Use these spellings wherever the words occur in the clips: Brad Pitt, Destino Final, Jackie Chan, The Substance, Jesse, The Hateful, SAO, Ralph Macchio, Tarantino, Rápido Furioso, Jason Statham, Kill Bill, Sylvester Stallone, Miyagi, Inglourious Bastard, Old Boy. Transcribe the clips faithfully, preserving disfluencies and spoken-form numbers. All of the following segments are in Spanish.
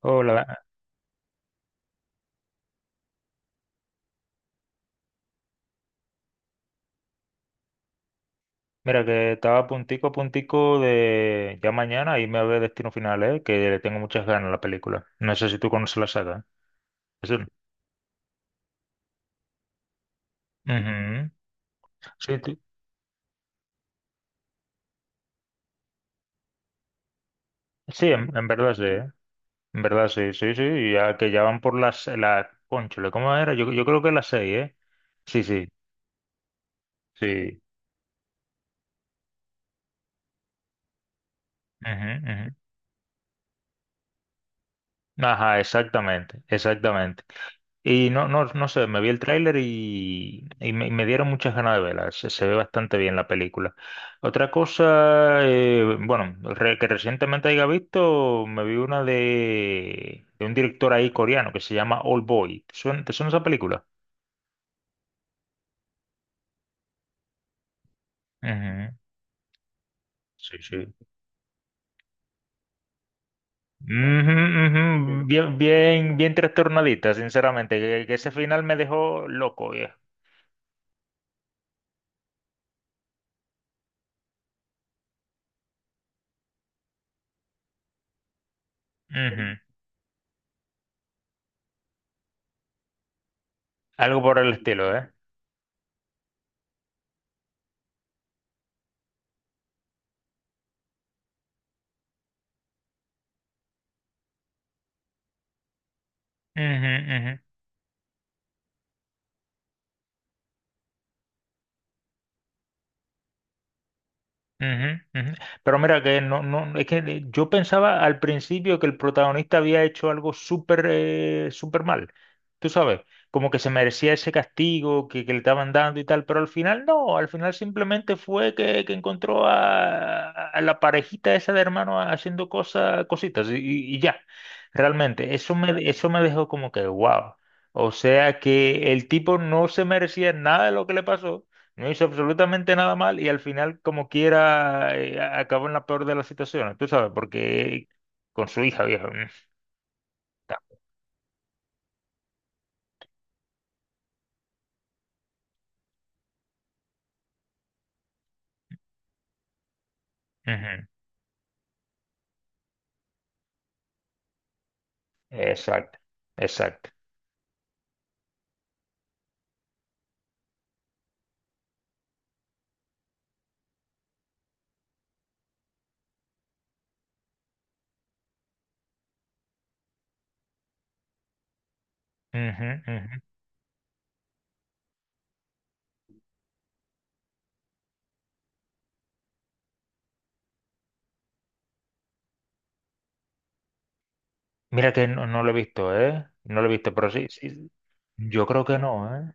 Hola, mira que estaba puntico a puntico de ya mañana irme a ver Destino Final, ¿eh? Que le tengo muchas ganas a la película. No sé si tú conoces la saga. Sí. Ujú. Sí, tú- sí, en, en verdad sí, ¿eh? En verdad sí, sí, sí, ya que ya van por las, la, cónchale, ¿cómo era? Yo, yo creo que las seis, ¿eh? Sí, sí, sí. Ujú, ujú. Ajá, exactamente, exactamente. Y no, no, no sé, me vi el tráiler y, y me, me dieron muchas ganas de verla. Se, se ve bastante bien la película. Otra cosa, eh, bueno, re- que recientemente haya visto, me vi una de, de un director ahí coreano que se llama Old Boy. ¿Te suena, te suena esa película? Ujú. Sí, sí. Ujú, ujú. Bien, bien, bien trastornadita, sinceramente. Que, que ese final me dejó loco, viejo. Ujú. Algo por el estilo, ¿eh? Ujú, ujú. Ujú, ujú. Pero mira que no, no, es que le- yo pensaba al principio que el protagonista había hecho algo súper eh, súper mal, tú sabes, como que se merecía ese castigo que, que le estaban dando y tal, pero al final no, al final simplemente fue que, que encontró a, a la parejita esa de hermano haciendo cosas, cositas y, y- y ya, realmente, eso me, eso me dejó como que wow, o sea que el tipo no se merecía nada de lo que le pasó, no hizo absolutamente nada mal y al final, como quiera, eh, a- acabó en la peor de las situaciones, tú sabes, porque con su hija, viejo. mm, ta- ujú, Exacto, exacto. Ujú, ujú. Mira que no, no lo he visto, ¿eh? No lo he visto, pero sí, sí. Yo creo que no, ¿eh?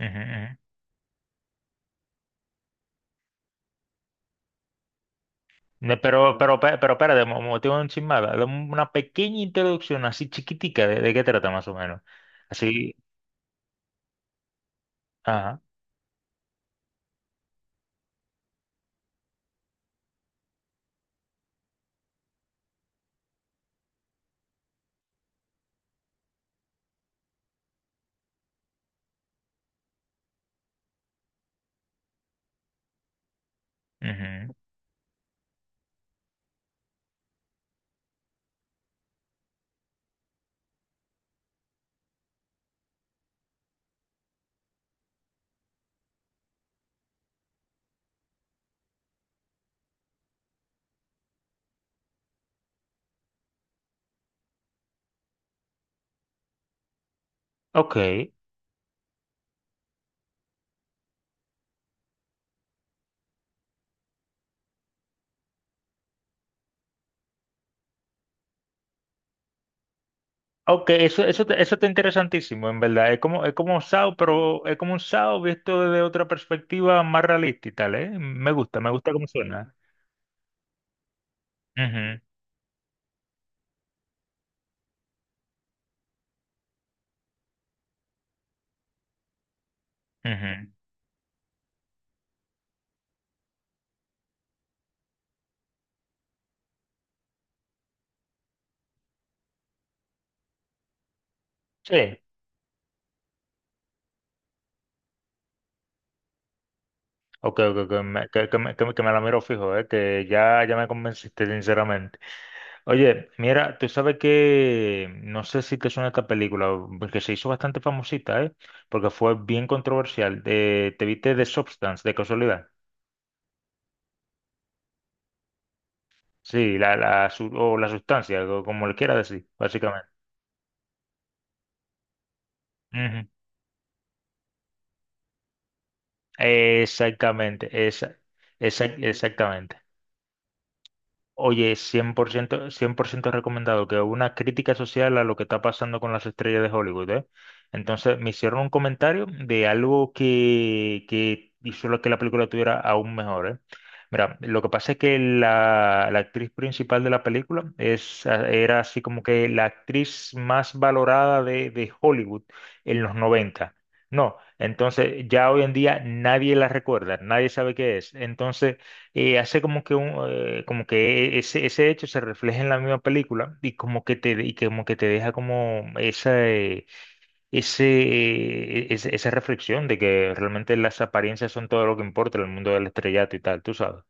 Ujú, ujú. Ne- Pero, pero, pe- pero, espérate, mo- mo- tengo un chismada. Dame una pequeña introducción así chiquitica de, de qué trata más o menos. Así, ajá. Ujú. Ok. Ok, eso, eso, te- eso está interesantísimo, en verdad. Es como, es como un S A O, pero es como un S A O visto desde otra perspectiva más realista y tal, ¿eh? Me gusta, me gusta cómo suena. Ujú, ujú. Sí. Ok, ok, ok, me- que, que me, que me- que me la miro fijo, ¿eh? Que ya, ya me convenciste, sinceramente. Oye, mira, tú sabes que, no sé si te suena esta película, porque se hizo bastante famosita, ¿eh? Porque fue bien controversial. Eh, ¿te viste The Substance, de casualidad? Sí, la, la, su- o la sustancia, o como le quiera decir, básicamente. Ujú. Exactamente, esa, esa- exactamente. Oye, cien cien por ciento, cien por ciento recomendado, que una crítica social a lo que está pasando con las estrellas de Hollywood, ¿eh? Entonces me hicieron un comentario de algo que, que hizo lo que la película tuviera aún mejor, ¿eh? Mira, lo que pasa es que la, la actriz principal de la película es, ah, era así como que la actriz más valorada de, de Hollywood en los noventa. No, entonces ya hoy en día nadie la recuerda, nadie sabe qué es. Entonces eh, hace como que un, eh, como que e- ese, ese hecho se refleja en la misma película y como que te, y que como que te deja como esa, eh, ese, eh, ese- esa reflexión de que realmente las apariencias son todo lo que importa en el mundo del estrellato y tal, tú sabes.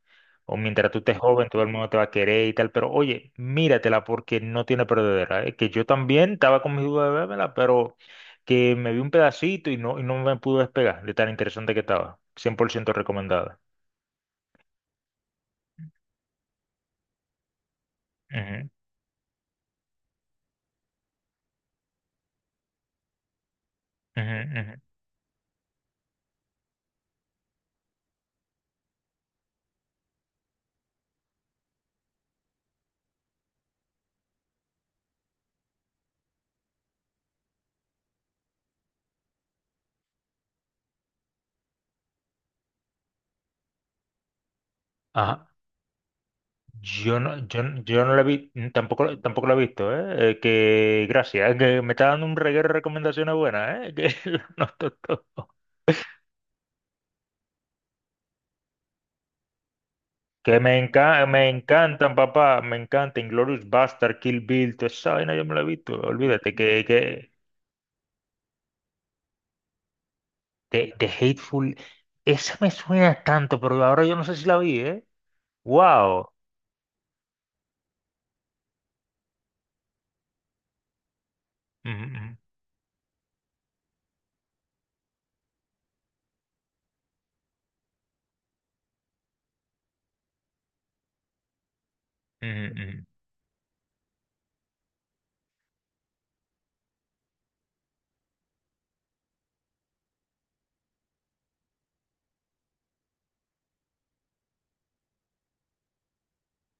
O mientras tú estés joven, todo el mundo te va a querer y tal, pero oye, míratela porque no tiene perdedera, ¿eh? Que yo también estaba con mis dudas de vérmela, pero que me vi un pedacito y no, y no me pude despegar de tan interesante que estaba. cien por ciento recomendada. Ujú, ujú, ujú. Ajá. Yo no, yo, no- yo no la vi, mm, tampoco, la- tampoco la he visto, ¿eh? Eh, que gracias, ¿eh? Que me está dando un reguero de recomendaciones buenas, ¿eh? Que lo noto todo. Que me encanta, me encantan, papá, me encanta Inglourious Bastard, Kill Bill, toda esa vaina yo me la he visto, olvídate, que, que The, The Hateful, esa me suena tanto, pero ahora yo no sé si la vi, ¿eh? Wow.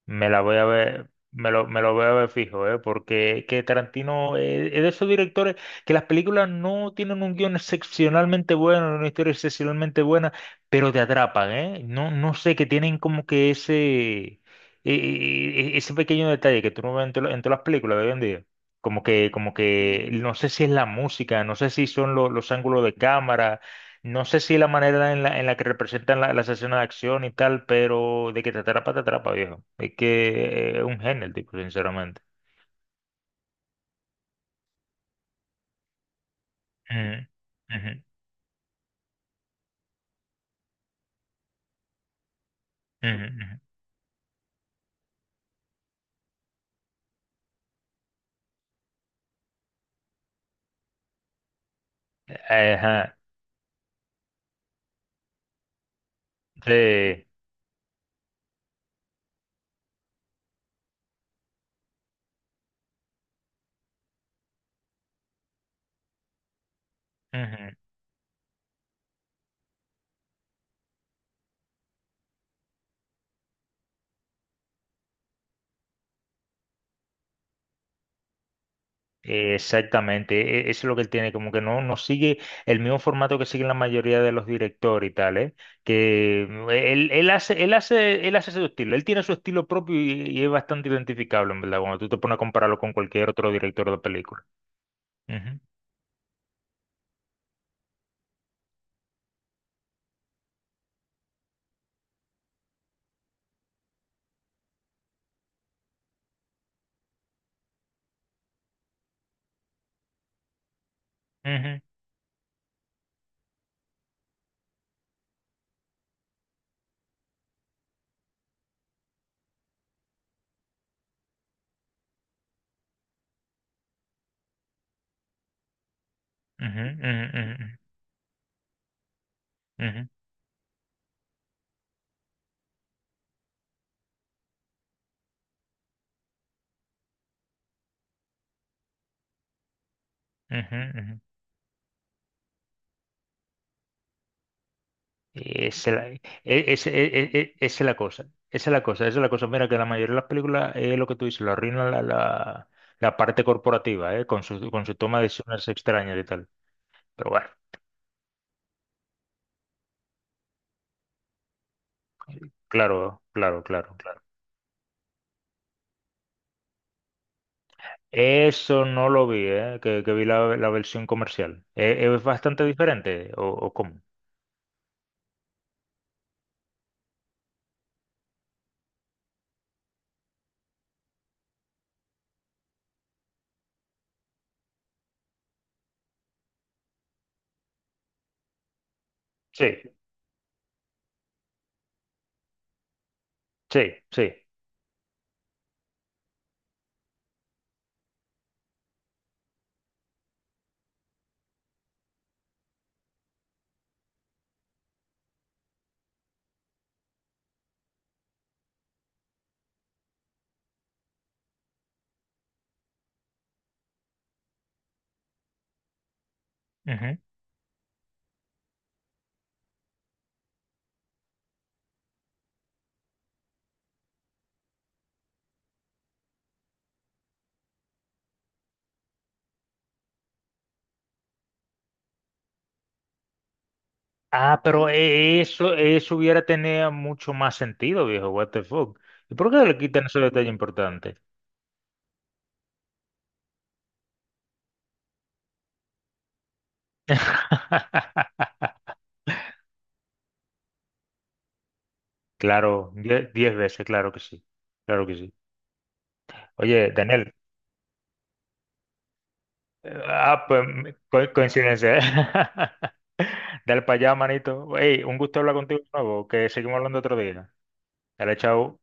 Me la voy a ver, me lo, me lo voy a ver fijo, ¿eh? Porque que Tarantino eh, es de esos directores que las películas no tienen un guión excepcionalmente bueno, una historia excepcionalmente buena, pero te atrapan, ¿eh? No, no sé, que tienen como que ese, e- e- e- ese pequeño detalle que tú no ves en, to- en todas las películas de hoy en día. Como que, como que, no sé si es la música, no sé si son lo- los ángulos de cámara, no sé si la manera en la, en la que representan la, la escenas de acción y tal, pero de que te atrapa, te atrapa, viejo. Es que eh, es un genio el tipo, sinceramente. Ujú, ujú, ujú, ujú. Ajá, sí, ujú. Exactamente, e- e, eso es lo que él tiene, como que no, no sigue el mismo formato que siguen la mayoría de los directores y tal, ¿eh? Que mm, e, él, él hace, él hace, él hace su estilo, él tiene su estilo propio y, y es bastante identificable, en verdad, cuando tú te pones a compararlo con cualquier otro director de película. Ujú. Ujú. Ujú, ujú, ujú, ujú, ujú, ujú. Esa es la, e- e, ese- e- e- e- esa es la cosa, esa es la cosa, esa es la cosa. Mira que la mayoría de las películas es lo que tú dices, lo arruinan la, la, la parte corporativa, ¿eh? Con su, con su toma de decisiones extrañas y tal. Pero bueno, claro, claro, claro, claro. Eso no lo vi, ¿eh? Que, que vi la, la versión comercial. ¿E- ¿Es, bastante diferente o, o cómo? Sí, sí, sí. Ah, pero e- eso, eso hubiera tenido mucho más sentido, viejo. What the fuck. ¿Y por qué no le quitan ese detalle importante? Claro, die- diez veces, claro que sí. Claro que sí. Oye, Daniel. eh, Ah, pues me- co- coincidencia. Dale para allá, manito. Ey, un gusto hablar contigo de nuevo, que seguimos hablando otro día. Dale, chao.